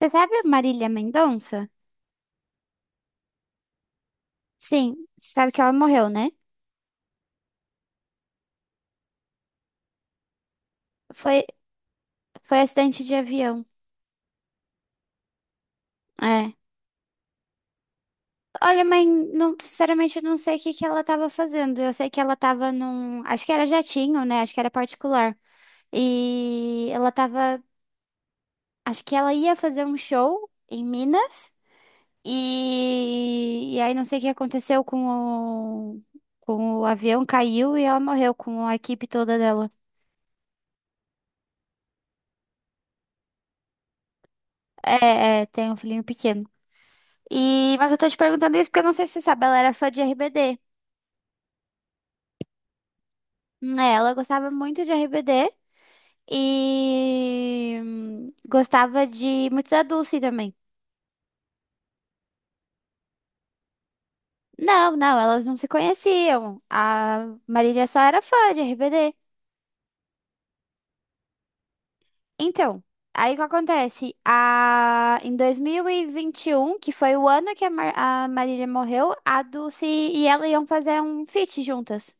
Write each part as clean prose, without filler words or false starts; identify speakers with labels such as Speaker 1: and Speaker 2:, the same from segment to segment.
Speaker 1: Você sabe a Marília Mendonça? Sim, você sabe que ela morreu, né? Foi, foi acidente de avião. É. Olha, mãe, não, sinceramente, eu não sei o que que ela tava fazendo. Eu sei que ela tava num. Acho que era jatinho, né? Acho que era particular. E ela tava. Acho que ela ia fazer um show em Minas. E aí não sei o que aconteceu o, com o avião, caiu e ela morreu com a equipe toda dela. É, é, tem um filhinho pequeno. E, mas eu tô te perguntando isso porque eu não sei se você sabe, ela era fã de RBD. É, ela gostava muito de RBD e gostava de muito da Dulce também. Não, não, elas não se conheciam. A Marília só era fã de RBD. Então, aí o que acontece? Em 2021, que foi o ano que a Marília morreu, a Dulce e ela iam fazer um feat juntas.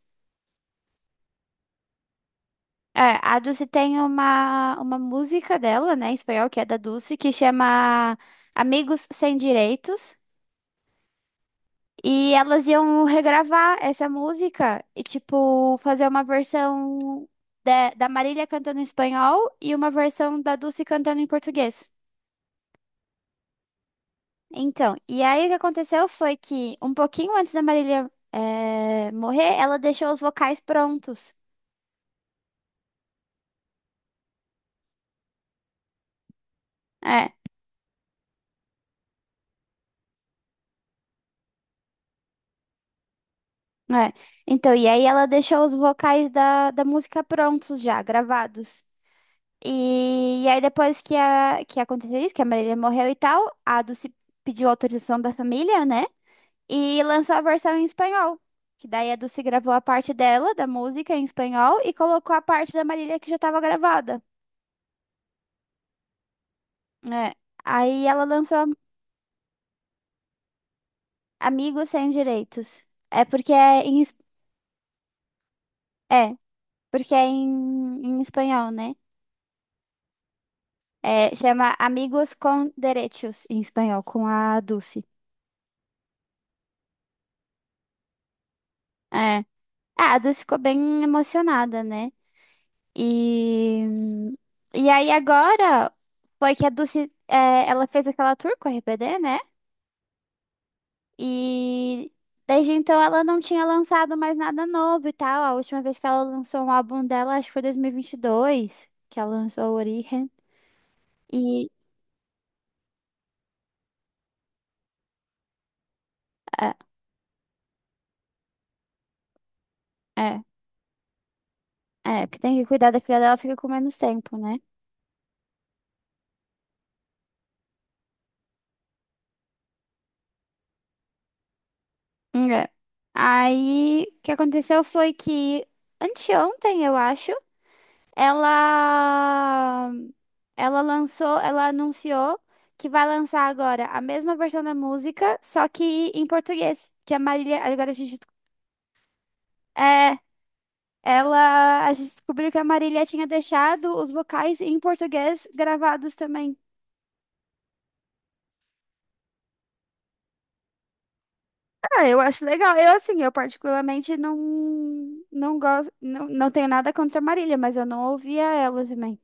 Speaker 1: É, a Dulce tem uma música dela, né, em espanhol, que é da Dulce, que chama Amigos Sem Direitos. E elas iam regravar essa música e, tipo, fazer uma versão da Marília cantando em espanhol e uma versão da Dulce cantando em português. Então, e aí o que aconteceu foi que, um pouquinho antes da Marília, morrer, ela deixou os vocais prontos. É, é. Então, e aí ela deixou os vocais da música prontos já, gravados. E aí depois que aconteceu isso, que a Marília morreu e tal, a Dulce pediu autorização da família, né? E lançou a versão em espanhol. Que daí a Dulce gravou a parte dela, da música, em espanhol, e colocou a parte da Marília que já tava gravada. É. Aí ela lançou Amigos Sem Direitos. É porque é é, em espanhol, né? É, chama Amigos con Derechos, em espanhol, com a Dulce. É. Ah, a Dulce ficou bem emocionada, né? E, e aí agora foi que a Dulce, ela fez aquela tour com a RBD, né? E desde então ela não tinha lançado mais nada novo e tal. A última vez que ela lançou um álbum dela, acho que foi 2022, que ela lançou o Origen. E é, é, Porque tem que cuidar da filha dela, fica com menos tempo, né? É. Aí, o que aconteceu foi que anteontem, eu acho, ela ela anunciou que vai lançar agora a mesma versão da música, só que em português, que a Marília, agora é, a gente descobriu que a Marília tinha deixado os vocais em português gravados também. Ah, eu acho legal. Assim, eu particularmente não gosto, não, não tenho nada contra a Marília, mas eu não ouvia ela também.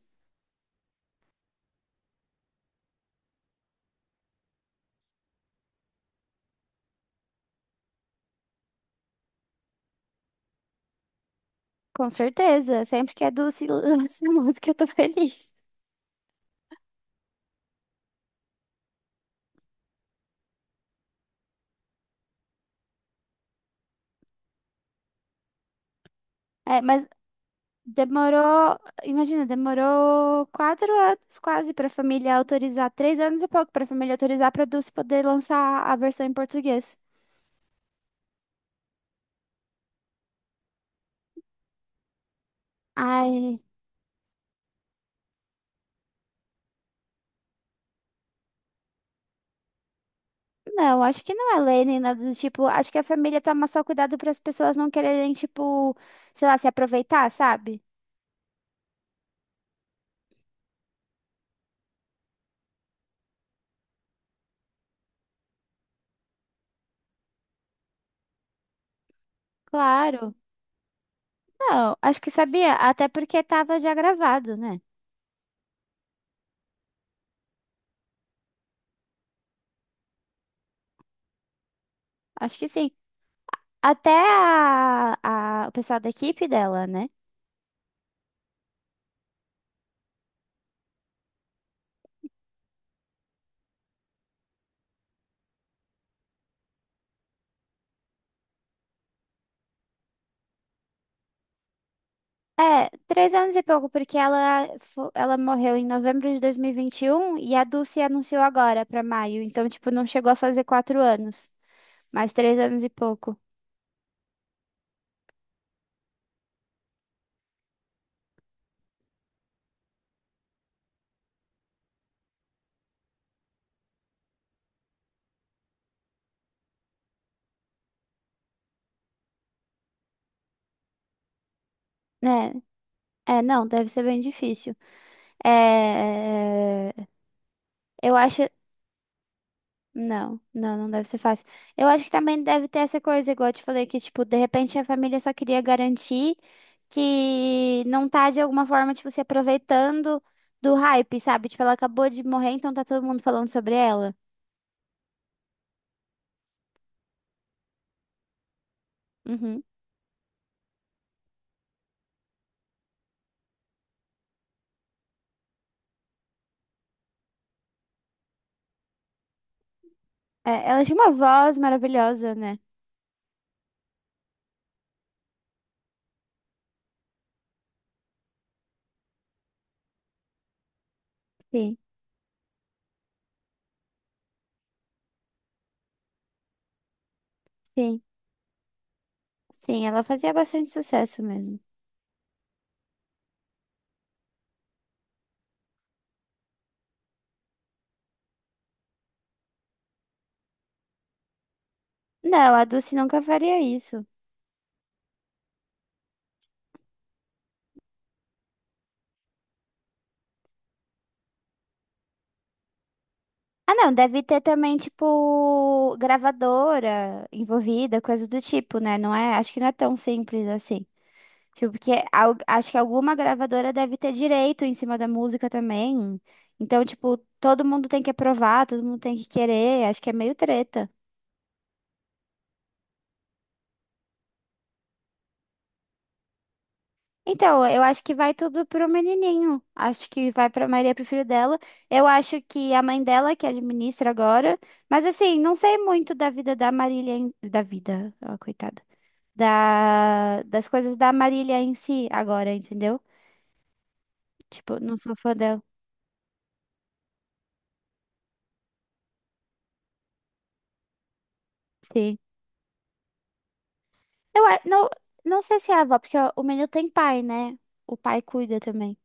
Speaker 1: Com certeza. Sempre que é doce lança música, eu tô feliz. É, mas demorou, imagina, demorou 4 anos quase pra família autorizar, 3 anos e pouco pra família autorizar pra Dulce poder lançar a versão em português. Ai, não, acho que não é lei nem nada do tipo. Acho que a família toma só cuidado para as pessoas não quererem, tipo, sei lá, se aproveitar, sabe? Claro. Não, acho que sabia, até porque tava já gravado, né? Acho que sim. Até o pessoal da equipe dela, né? É, 3 anos e pouco, porque ela morreu em novembro de 2021 e vinte e um e a Dulce anunciou agora pra maio. Então, tipo, não chegou a fazer 4 anos, mas 3 anos e pouco. É, é, não, deve ser bem difícil. É, eu acho. Não, não, não deve ser fácil. Eu acho que também deve ter essa coisa, igual eu te falei, que, tipo, de repente a família só queria garantir que não tá, de alguma forma, tipo, se aproveitando do hype, sabe? Tipo, ela acabou de morrer, então tá todo mundo falando sobre ela. Uhum. É, ela tinha uma voz maravilhosa, né? Sim, sim, sim, ela fazia bastante sucesso mesmo. Não, a Dulce nunca faria isso. Ah, não, deve ter também, tipo, gravadora envolvida, coisa do tipo, né? Não é, acho que não é tão simples assim. Tipo, porque acho que alguma gravadora deve ter direito em cima da música também. Então, tipo, todo mundo tem que aprovar, todo mundo tem que querer, acho que é meio treta. Então, eu acho que vai tudo pro menininho. Acho que vai pra Maria, pro filho dela. Eu acho que a mãe dela que administra agora. Mas assim, não sei muito da vida da Marília, da vida, ó, coitada, das coisas da Marília em si agora, entendeu? Tipo, não sou fã dela. Sim. Não, não sei se é a avó, porque o menino tem pai, né? O pai cuida também.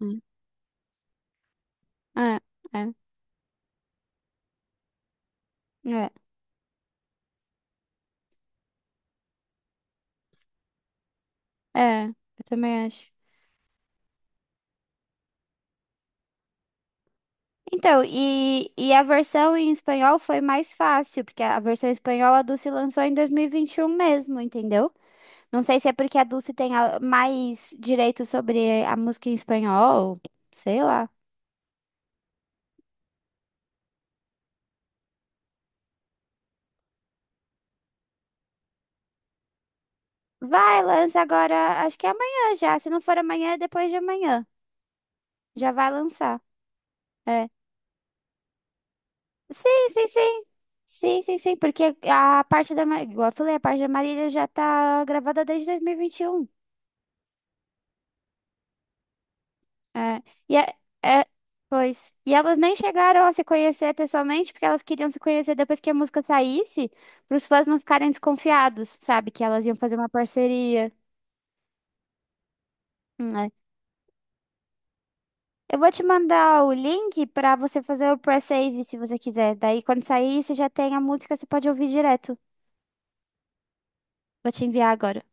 Speaker 1: Hum. É, é, é, é, eu também acho. Então, e a versão em espanhol foi mais fácil, porque a versão em espanhol a Dulce lançou em 2021 mesmo, entendeu? Não sei se é porque a Dulce tem mais direito sobre a música em espanhol, sei lá. Vai, lança agora, acho que é amanhã já. Se não for amanhã, é depois de amanhã. Já vai lançar. É. Sim, sim, sim. Sim, sim, sim, porque a parte da, Ma- igual eu falei, a parte da Marília já tá gravada desde 2021. É. E é, é, Pois. E elas nem chegaram a se conhecer pessoalmente, porque elas queriam se conhecer depois que a música saísse, para os fãs não ficarem desconfiados, sabe? Que elas iam fazer uma parceria. É. Eu vou te mandar o link pra você fazer o pré-save se você quiser. Daí, quando sair, você já tem a música, você pode ouvir direto. Vou te enviar agora.